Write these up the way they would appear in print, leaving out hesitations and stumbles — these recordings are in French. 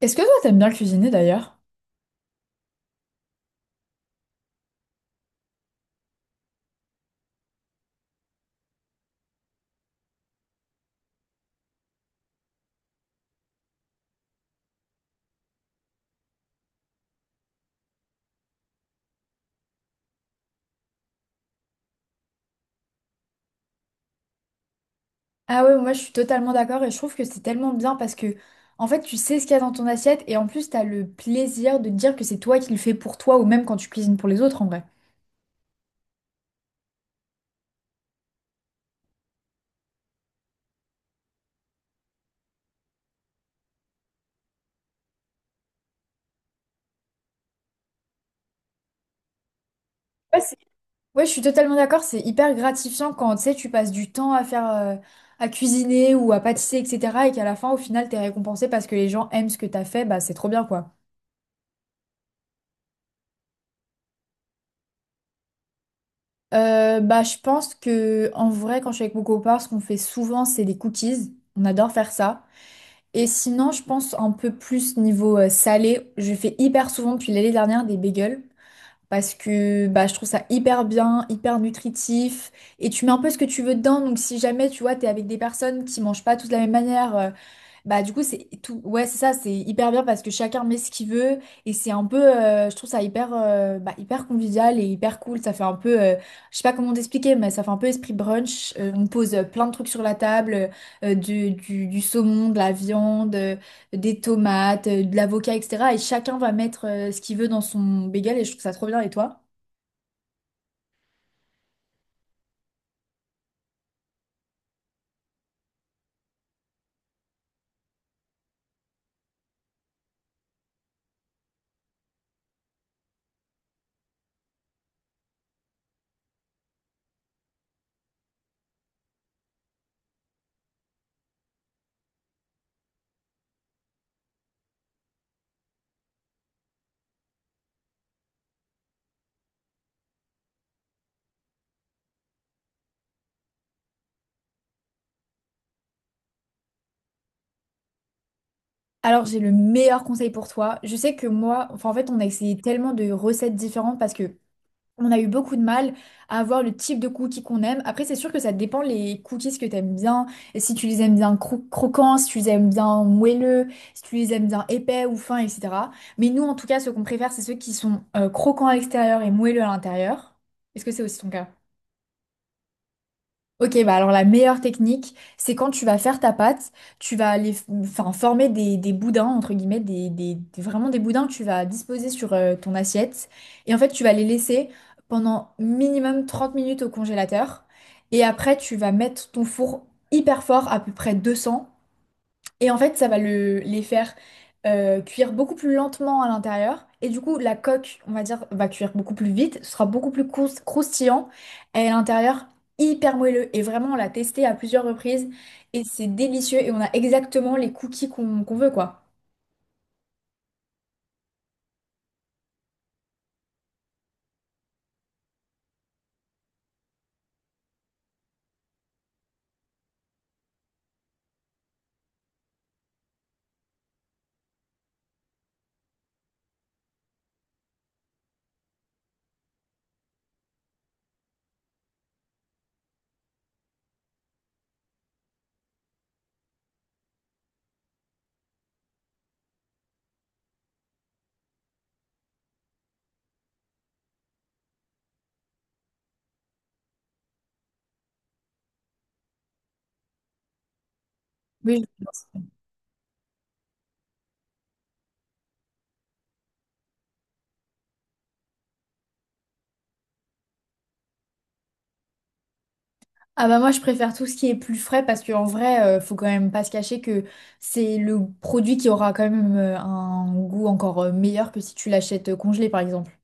Est-ce que toi, t'aimes bien cuisiner d'ailleurs? Ah ouais, moi je suis totalement d'accord et je trouve que c'est tellement bien parce que en fait tu sais ce qu'il y a dans ton assiette et en plus t'as le plaisir de te dire que c'est toi qui le fais pour toi ou même quand tu cuisines pour les autres en vrai. Ouais, c'est- ouais, je suis totalement d'accord, c'est hyper gratifiant quand tu sais tu passes du temps à faire à cuisiner ou à pâtisser etc. Et qu'à la fin au final t'es récompensé parce que les gens aiment ce que t'as fait, bah c'est trop bien quoi. Bah je pense que en vrai quand je suis avec mon copain ce qu'on fait souvent c'est des cookies, on adore faire ça. Et sinon, je pense un peu plus niveau salé. Je fais hyper souvent depuis l'année dernière des bagels parce que bah, je trouve ça hyper bien, hyper nutritif. Et tu mets un peu ce que tu veux dedans. Donc si jamais tu vois, t'es avec des personnes qui mangent pas toutes de la même manière, bah du coup c'est tout ouais c'est ça c'est hyper bien parce que chacun met ce qu'il veut et c'est un peu je trouve ça hyper bah, hyper convivial et hyper cool, ça fait un peu je sais pas comment t'expliquer mais ça fait un peu esprit brunch. On pose plein de trucs sur la table , du saumon, de la viande, des tomates, de l'avocat etc. et chacun va mettre ce qu'il veut dans son bagel et je trouve ça trop bien, et toi? Alors j'ai le meilleur conseil pour toi, je sais que moi enfin en fait on a essayé tellement de recettes différentes parce que On a eu beaucoup de mal à avoir le type de cookies qu'on aime. Après, c'est sûr que ça dépend les cookies que tu aimes bien. Et si tu les aimes bien croquants, si tu les aimes bien moelleux, si tu les aimes bien épais ou fins, etc. Mais nous, en tout cas, ce qu'on préfère, c'est ceux qui sont croquants à l'extérieur et moelleux à l'intérieur. Est-ce que c'est aussi ton cas? Ok, bah alors la meilleure technique, c'est quand tu vas faire ta pâte, tu vas aller enfin, former des boudins, entre guillemets, vraiment des boudins que tu vas disposer sur ton assiette. Et en fait, tu vas les laisser pendant minimum 30 minutes au congélateur. Et après, tu vas mettre ton four hyper fort, à peu près 200. Et en fait, ça va les faire cuire beaucoup plus lentement à l'intérieur. Et du coup, la coque, on va dire, va cuire beaucoup plus vite, ce sera beaucoup plus croustillant. Et à l'intérieur, hyper moelleux. Et vraiment, on l'a testé à plusieurs reprises. Et c'est délicieux. Et on a exactement les cookies qu'on veut, quoi. Oui, je pense. Ah bah moi je préfère tout ce qui est plus frais parce qu'en vrai faut quand même pas se cacher que c'est le produit qui aura quand même un goût encore meilleur que si tu l'achètes congelé par exemple.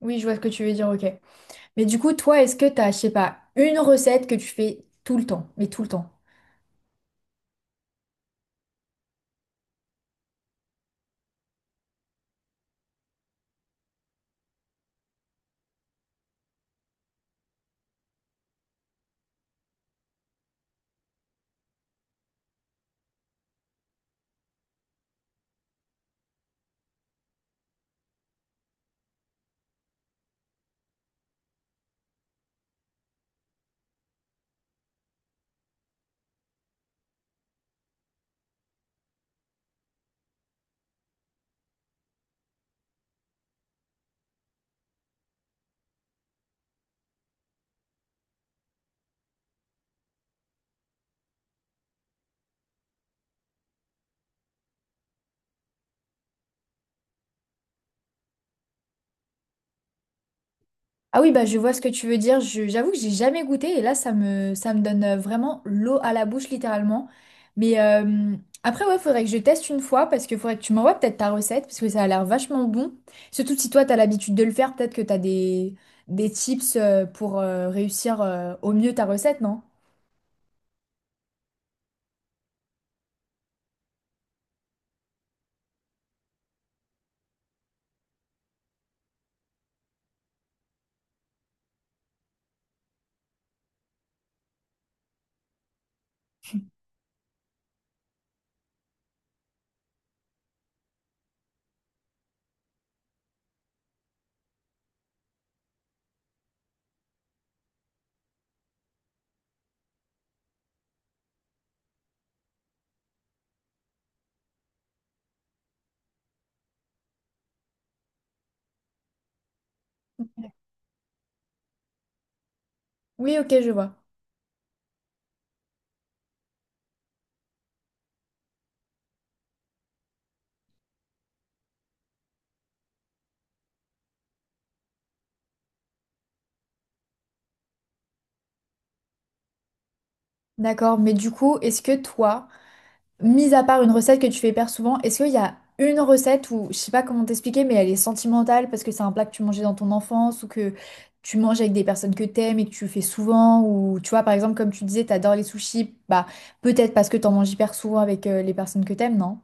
Oui, je vois ce que tu veux dire, ok. Mais du coup, toi, est-ce que t'as, je sais pas, une recette que tu fais tout le temps, mais tout le temps? Ah oui, bah je vois ce que tu veux dire. J'avoue que j'ai jamais goûté et là, ça me donne vraiment l'eau à la bouche, littéralement. Mais après, ouais, faudrait que je teste une fois parce que faudrait que tu m'envoies peut-être ta recette parce que ça a l'air vachement bon. Surtout si toi, t'as l'habitude de le faire, peut-être que t'as des tips pour réussir au mieux ta recette, non? Oui, ok, je vois. D'accord, mais du coup, est-ce que toi, mis à part une recette que tu fais hyper souvent, est-ce qu'il y a une recette où, je sais pas comment t'expliquer, mais elle est sentimentale parce que c'est un plat que tu mangeais dans ton enfance ou que tu manges avec des personnes que t'aimes et que tu fais souvent ou tu vois, par exemple, comme tu disais, t'adores les sushis, bah peut-être parce que t'en manges hyper souvent avec les personnes que t'aimes, non?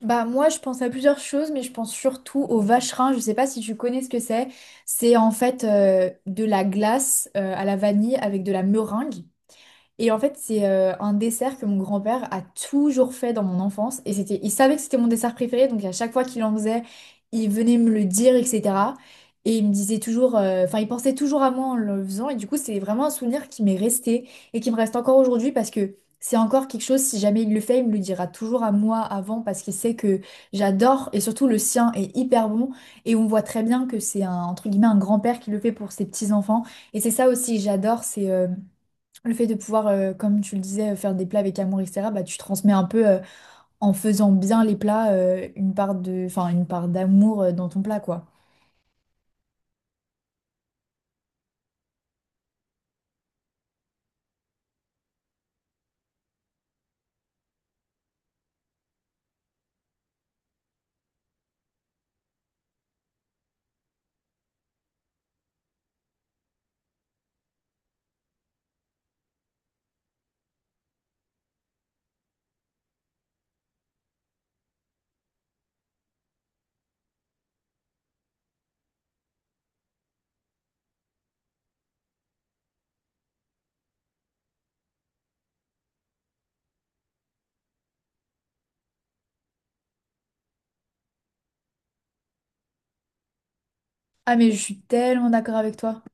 Bah moi je pense à plusieurs choses mais je pense surtout au vacherin, je sais pas si tu connais ce que c'est. C'est en fait de la glace à la vanille avec de la meringue. Et en fait, c'est un dessert que mon grand-père a toujours fait dans mon enfance. Et c'était, il savait que c'était mon dessert préféré, donc à chaque fois qu'il en faisait, il venait me le dire, etc. Et il me disait toujours, enfin, il pensait toujours à moi en le faisant. Et du coup, c'est vraiment un souvenir qui m'est resté et qui me reste encore aujourd'hui parce que c'est encore quelque chose, si jamais il le fait, il me le dira toujours à moi avant parce qu'il sait que j'adore et surtout le sien est hyper bon. Et on voit très bien que c'est un, entre guillemets, un grand-père qui le fait pour ses petits-enfants. Et c'est ça aussi que j'adore, c'est... le fait de pouvoir, comme tu le disais, faire des plats avec amour, etc., bah, tu transmets un peu, en faisant bien les plats, une part de, enfin, une part d'amour, dans ton plat, quoi. Ah, mais je suis tellement d'accord avec toi.